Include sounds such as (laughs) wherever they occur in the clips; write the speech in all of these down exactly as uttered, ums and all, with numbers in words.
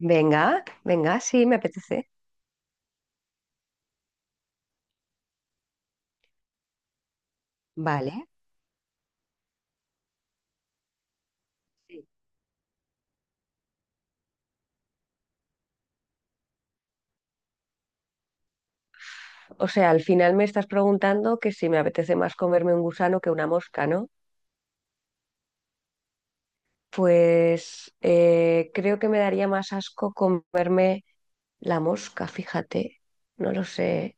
Venga, venga, sí, me apetece. Vale. Sí. O sea, al final me estás preguntando que si me apetece más comerme un gusano que una mosca, ¿no? Pues eh, creo que me daría más asco comerme la mosca, fíjate. No lo sé,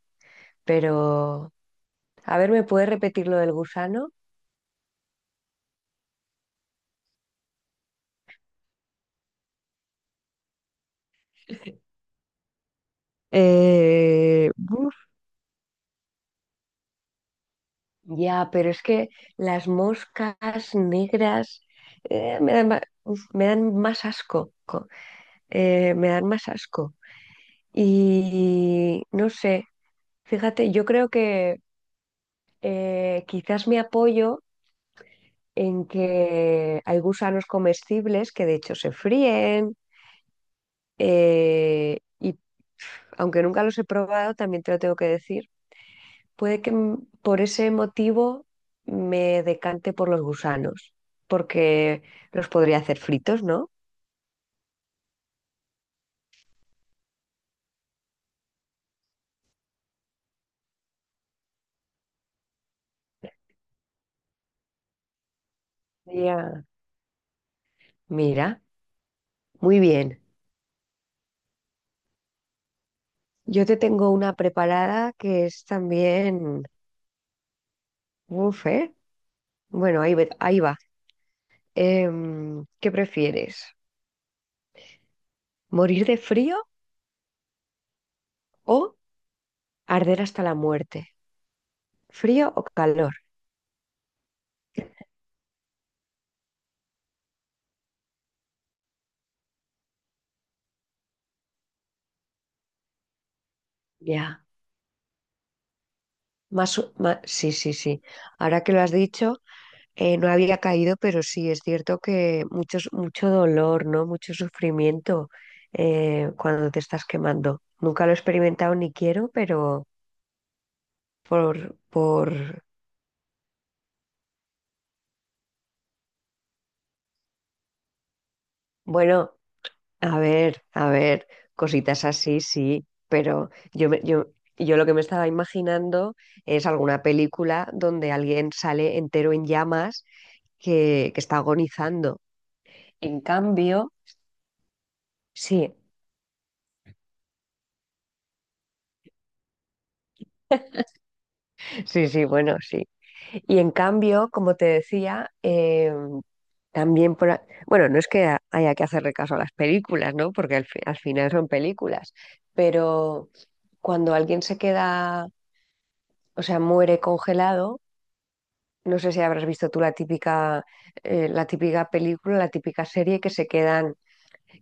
pero... A ver, ¿me puedes repetir lo del gusano? Eh, buf, Ya, pero es que las moscas negras eh, me dan, ma- uf, me dan más asco. co- eh, me dan más asco. Y no sé, fíjate, yo creo que eh, quizás me apoyo en que hay gusanos comestibles que de hecho se fríen eh, y aunque nunca los he probado, también te lo tengo que decir, puede que m- por ese motivo me decante por los gusanos, porque los podría hacer fritos, ¿no? Ya. Mira, muy bien. Yo te tengo una preparada que es también... Uf, ¿eh? Bueno, ahí, ve- ahí va. Em, ¿qué prefieres? ¿Morir de frío o arder hasta la muerte? ¿Frío o calor? Ya. Más, o- ma- sí, sí, sí. Ahora que lo has dicho, eh, no había caído, pero sí, es cierto que muchos, mucho dolor, ¿no? Mucho sufrimiento eh, cuando te estás quemando. Nunca lo he experimentado ni quiero, pero por, por, bueno. A ver, a ver, cositas así, sí, pero yo, me- yo, yo lo que me estaba imaginando es alguna película donde alguien sale entero en llamas que, que está agonizando. En cambio, sí, sí, sí, bueno, sí. Y en cambio, como te decía, eh, también, por, a- bueno, no es que ha- haya que hacerle caso a las películas, ¿no? Porque al, fi- al final son películas, pero cuando alguien se queda, o sea, muere congelado. No sé si habrás visto tú la típica, eh, la típica película, la típica serie que se quedan,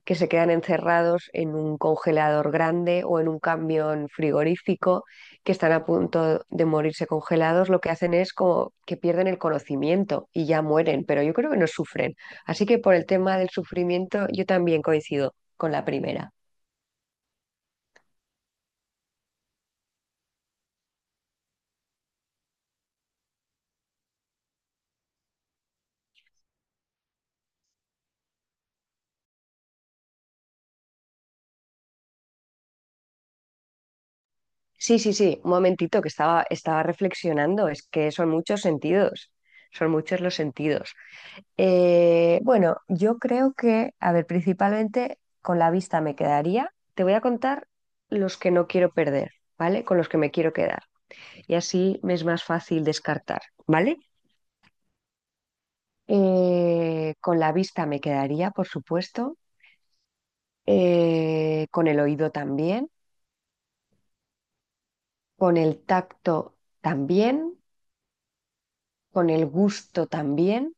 que se quedan encerrados en un congelador grande o en un camión frigorífico, que están a punto de morirse congelados. Lo que hacen es como que pierden el conocimiento y ya mueren, pero yo creo que no sufren. Así que por el tema del sufrimiento, yo también coincido con la primera. Sí, sí, sí, un momentito que estaba, estaba reflexionando, es que son muchos sentidos, son muchos los sentidos. Eh, bueno, yo creo que, a ver, principalmente con la vista me quedaría. Te voy a contar los que no quiero perder, ¿vale? Con los que me quiero quedar. Y así me es más fácil descartar, ¿vale? Eh, con la vista me quedaría, por supuesto. Eh, con el oído también. Con el tacto también. Con el gusto también.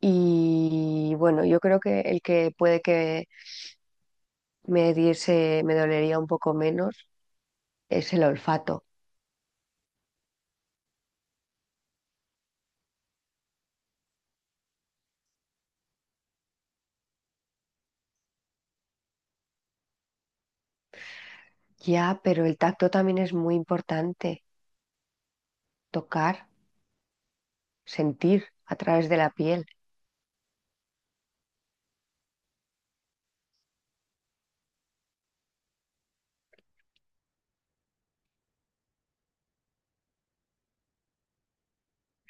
Y bueno, yo creo que el que puede que me diese, me dolería un poco menos es el olfato. Ya, pero el tacto también es muy importante. Tocar, sentir a través de la piel.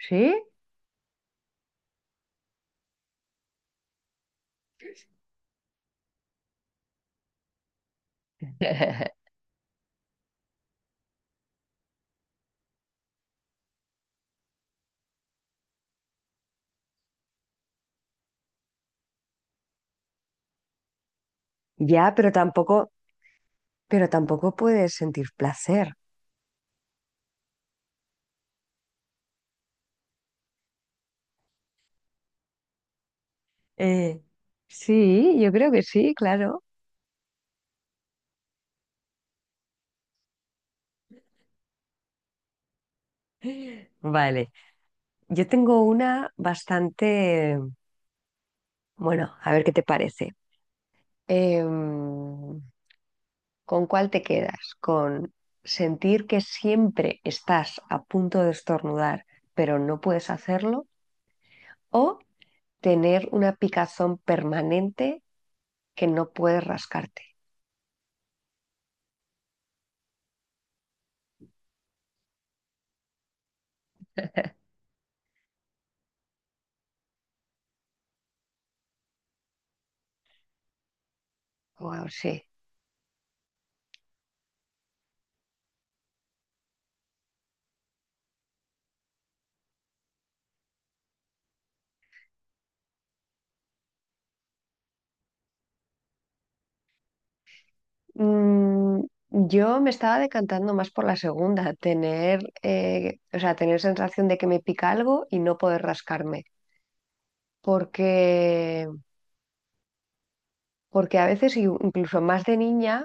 ¿Sí? (laughs) Ya, pero tampoco, pero tampoco puedes sentir placer. Eh, Sí, yo creo que sí, claro. (laughs) Vale. Yo tengo una bastante, bueno, a ver qué te parece. Em, ¿Con cuál te quedas? ¿Con sentir que siempre estás a punto de estornudar, pero no puedes hacerlo? ¿O tener una picazón permanente que no puedes rascarte? Wow, sí. Mm, yo me estaba decantando más por la segunda, tener, eh, o sea, tener sensación de que me pica algo y no poder rascarme. Porque, porque a veces, y- incluso más de niña,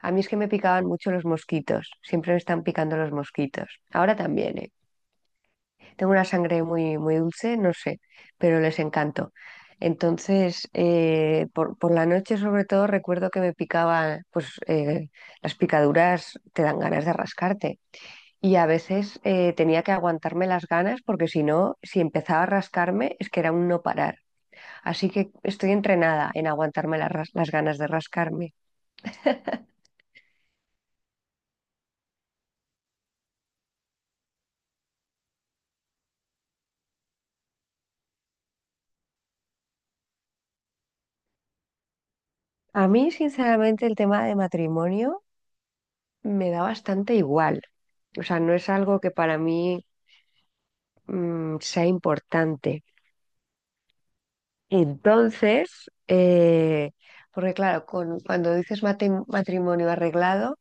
a mí es que me picaban mucho los mosquitos. Siempre me están picando los mosquitos. Ahora también, ¿eh? Tengo una sangre muy, muy dulce, no sé, pero les encantó. Entonces, eh, por, por la noche sobre todo recuerdo que me picaba, pues eh, las picaduras te dan ganas de rascarte. Y a veces eh, tenía que aguantarme las ganas porque si no, si empezaba a rascarme, es que era un no parar. Así que estoy entrenada en aguantarme las ras- las ganas de rascarme. (laughs) A mí, sinceramente, el tema de matrimonio me da bastante igual. O sea, no es algo que para mí mm, sea importante. Entonces, eh, porque claro, con- cuando dices mate- matrimonio arreglado,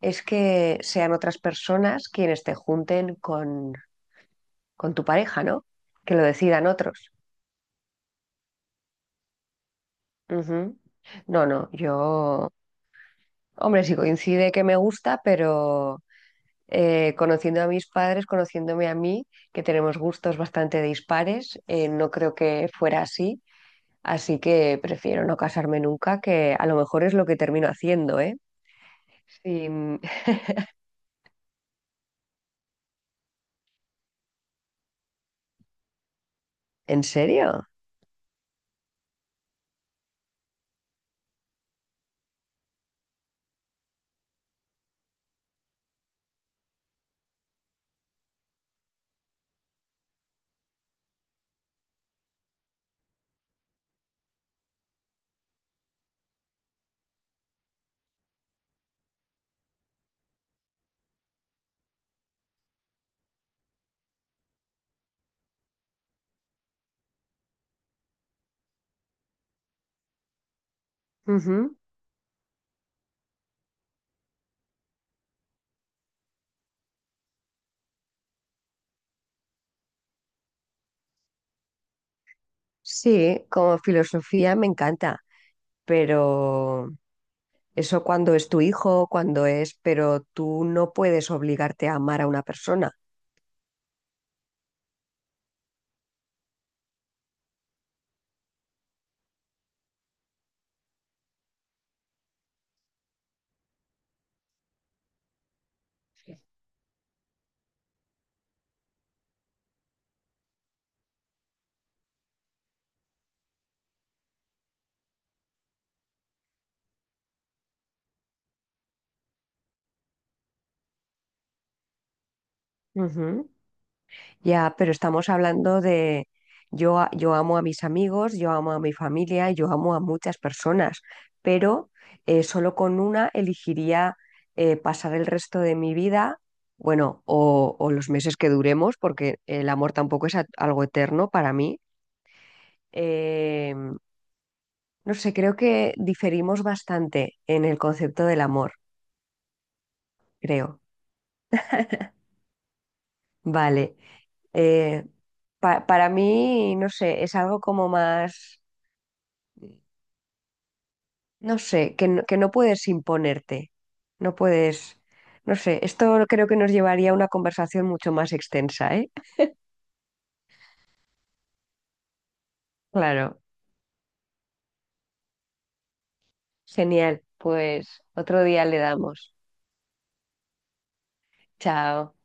es que sean otras personas quienes te junten con, con tu pareja, ¿no? Que lo decidan otros. Ujú. No, no, yo, hombre, sí coincide que me gusta, pero eh, conociendo a mis padres, conociéndome a mí, que tenemos gustos bastante dispares, eh, no creo que fuera así. Así que prefiero no casarme nunca, que a lo mejor es lo que termino haciendo, ¿eh? Sí, mm, ¿en serio? Ujú. Sí, como filosofía me encanta, pero eso cuando es tu hijo, cuando es, pero tú no puedes obligarte a amar a una persona. Ujú. Ya, pero estamos hablando de yo, a- yo amo a mis amigos, yo amo a mi familia, yo amo a muchas personas, pero eh, solo con una elegiría eh, pasar el resto de mi vida, bueno, o, o los meses que duremos, porque el amor tampoco es a- algo eterno para mí. Eh, no sé, creo que diferimos bastante en el concepto del amor, creo. (laughs) Vale. Eh, pa- para mí, no sé, es algo como más. No sé, que no, que no puedes imponerte, no puedes, no sé, esto creo que nos llevaría a una conversación mucho más extensa, ¿eh? Claro, genial, pues otro día le damos. Chao.